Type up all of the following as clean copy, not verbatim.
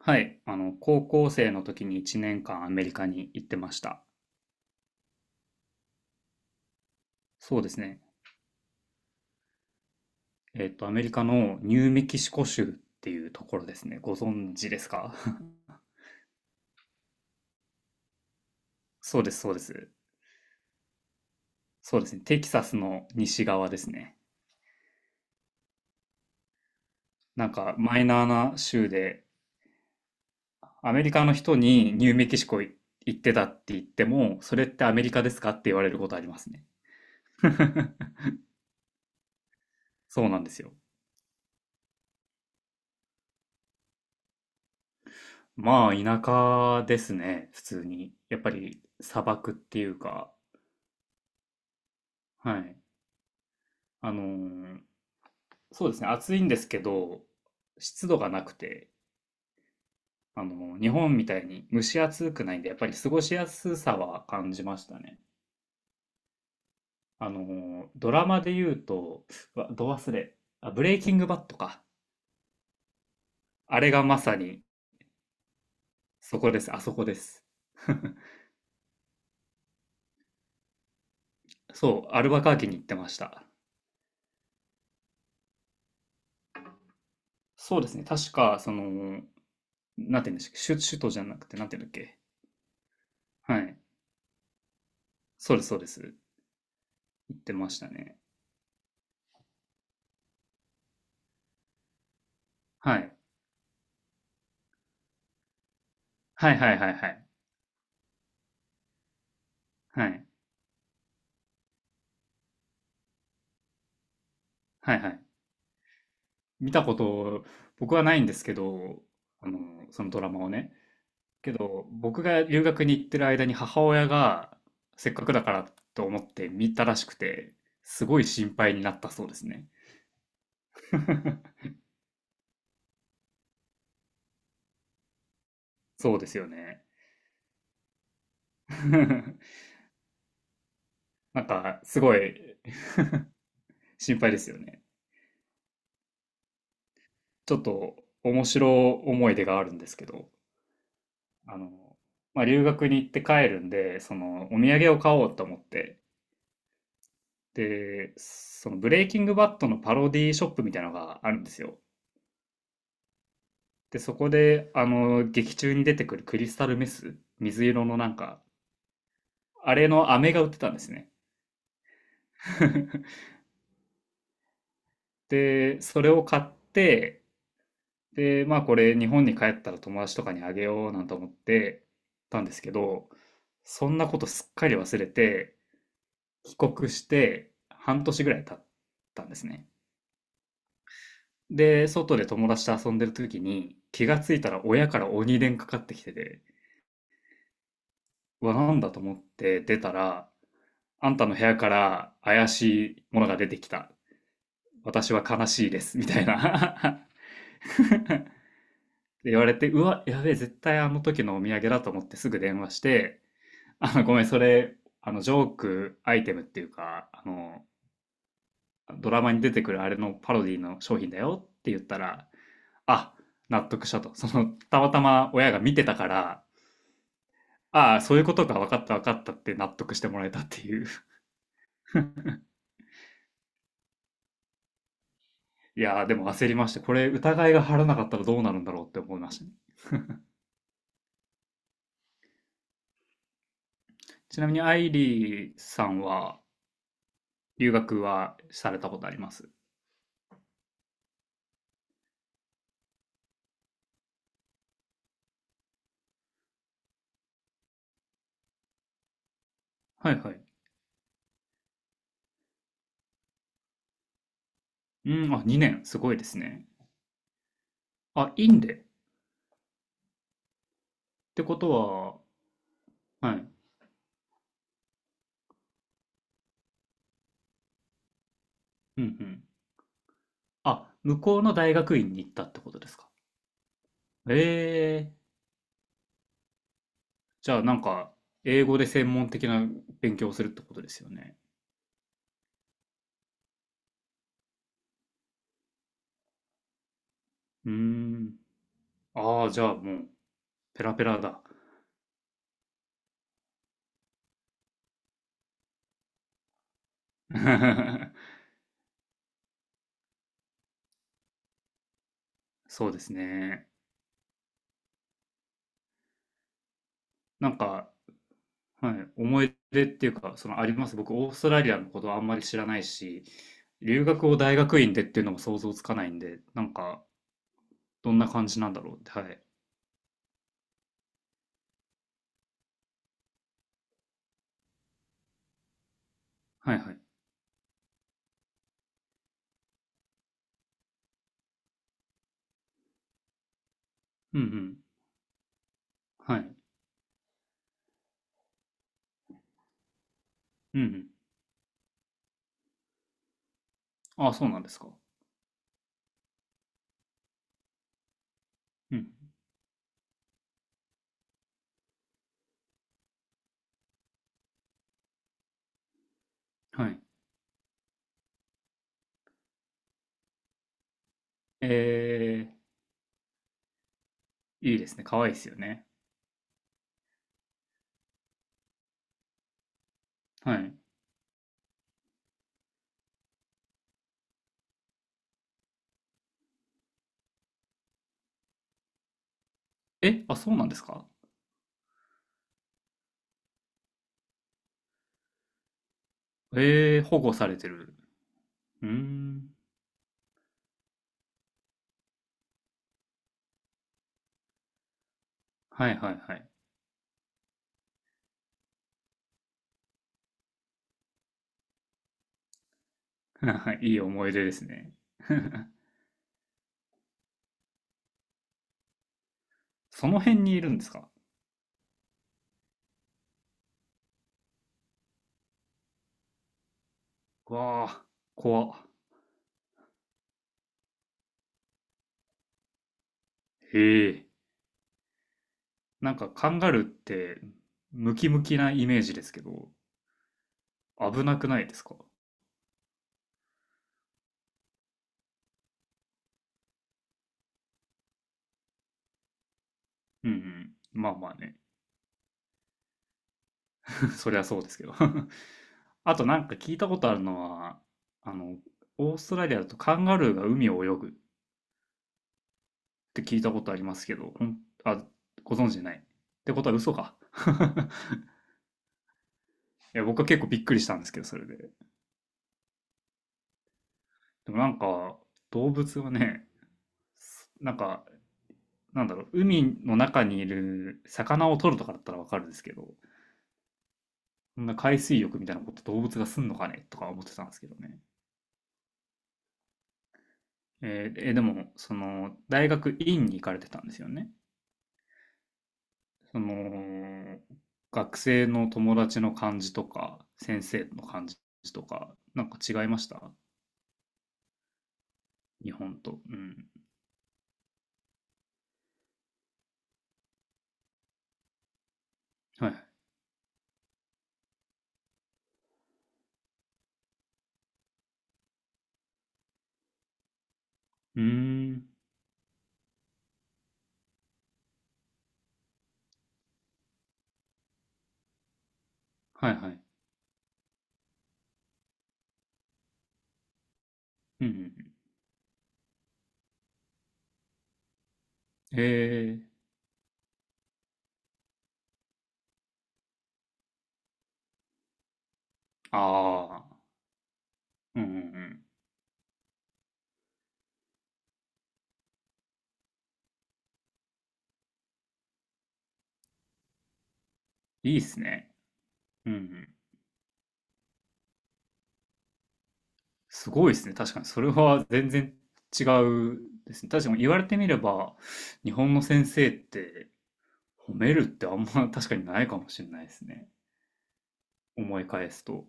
はい。高校生の時に1年間アメリカに行ってました。そうですね。アメリカのニューメキシコ州っていうところですね。ご存知ですか？ そうです、そうです。そうですね。テキサスの西側ですね。なんか、マイナーな州で、アメリカの人にニューメキシコ行ってたって言っても、それってアメリカですかって言われることありますね。そうなんですよ。まあ、田舎ですね。普通に。やっぱり、砂漠っていうか、はい。あのーそうですね、暑いんですけど、湿度がなくて、日本みたいに蒸し暑くないんで、やっぱり過ごしやすさは感じましたね。ドラマで言うと、うわ、ど忘れ、あ、ブレイキングバッドか。あれがまさに、そこです、あそこです。そう、アルバカーキに行ってました。そうですね、確か、なんて言うんでしたっけ、首都じゃなくて、なんて言うんだっけ。はい。そうです、そうです。行ってましたね。はい。はいはいはいはい。はい。はいはい。見たこと僕はないんですけど、あの、そのドラマをね。けど、僕が留学に行ってる間に母親がせっかくだからと思って見たらしくて、すごい心配になったそうですね。そうですよね。なんか、すごい心配ですよね。ちょっと面白い思い出があるんですけど、あの、まあ、留学に行って帰るんで、お土産を買おうと思って、で、そのブレイキングバッドのパロディーショップみたいなのがあるんですよ。で、そこで、劇中に出てくるクリスタルメス、水色のなんか、あれの飴が売ってたんですね。で、それを買って、で、まあこれ日本に帰ったら友達とかにあげようなんて思ってたんですけど、そんなことすっかり忘れて、帰国して半年ぐらい経ったんですね。で、外で友達と遊んでる時に、気がついたら親から鬼電かかってきてて、うわ、なんだと思って出たら、あんたの部屋から怪しいものが出てきた。私は悲しいです。みたいな で言われて、うわ、やべえ、絶対あの時のお土産だと思ってすぐ電話して、ごめん、それ、ジョークアイテムっていうか、ドラマに出てくるあれのパロディの商品だよって言ったら、あ、納得したと。たまたま親が見てたから、ああ、そういうことか、分かった分かったって納得してもらえたっていう。いやー、でも焦りました。これ疑いが晴らなかったらどうなるんだろうって思いましたね。ちなみにアイリーさんは留学はされたことあります？はいはい。うん、あ、2年、すごいですね。あ、インデってことは、はい。うんうん。あ、向こうの大学院に行ったってことですか？ええ、じゃあなんか、英語で専門的な勉強をするってことですよね。うーん。ああ、じゃあもう、ペラペラだ。そうですね。なんか、はい、思い出っていうか、あります。僕、オーストラリアのことあんまり知らないし、留学を大学院でっていうのも想像つかないんで、なんか、どんな感じなんだろうって。はい。はいはい。うんうん。はい。うんうん。ああ、そうなんですか。うん。はい。えー、いいですね。可愛いですよね。はい。え、あ、そうなんですか。えー、保護されてる。うーん。はいはいはい。はい、いい思い出ですね。その辺にいるんですか？うわあ、怖っ。へえ。なんかカンガルーってムキムキなイメージですけど、危なくないですか？うんうん。まあまあね。そりゃそうですけど。あとなんか聞いたことあるのは、あの、オーストラリアだとカンガルーが海を泳ぐって聞いたことありますけど、あ、ご存知ない。ってことは嘘か。いや、僕は結構びっくりしたんですけど、それで。でもなんか、動物はね、なんかなんだろう、海の中にいる魚を取るとかだったらわかるんですけど、そんな海水浴みたいなこと動物がすんのかねとか思ってたんですけどね。でも、大学院に行かれてたんですよね。その、学生の友達の感じとか、先生の感じとか、なんか違いました？日本と。うん。はい。うーん。はいはい。うんうんうん。えー。ああ。うんうんうん。いいっすね。うんうん。すごいですね。確かに。それは全然違うですね。確かに言われてみれば、日本の先生って褒めるってあんま 確かにないかもしれないですね。思い返すと。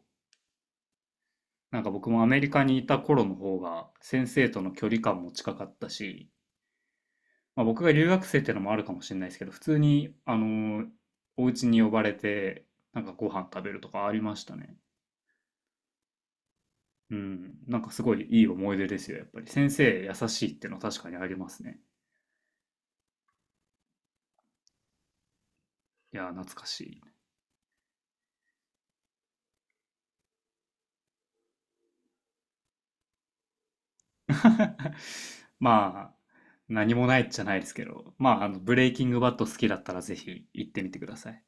なんか僕もアメリカにいた頃の方が先生との距離感も近かったし、まあ、僕が留学生ってのもあるかもしれないですけど、普通に、お家に呼ばれて、なんかご飯食べるとかありましたね。うん。なんかすごいいい思い出ですよ、やっぱり。先生優しいってのは確かにありますね。いや懐かしい。まあ、何もないじゃないですけど、まあ、ブレイキングバッド好きだったらぜひ行ってみてください。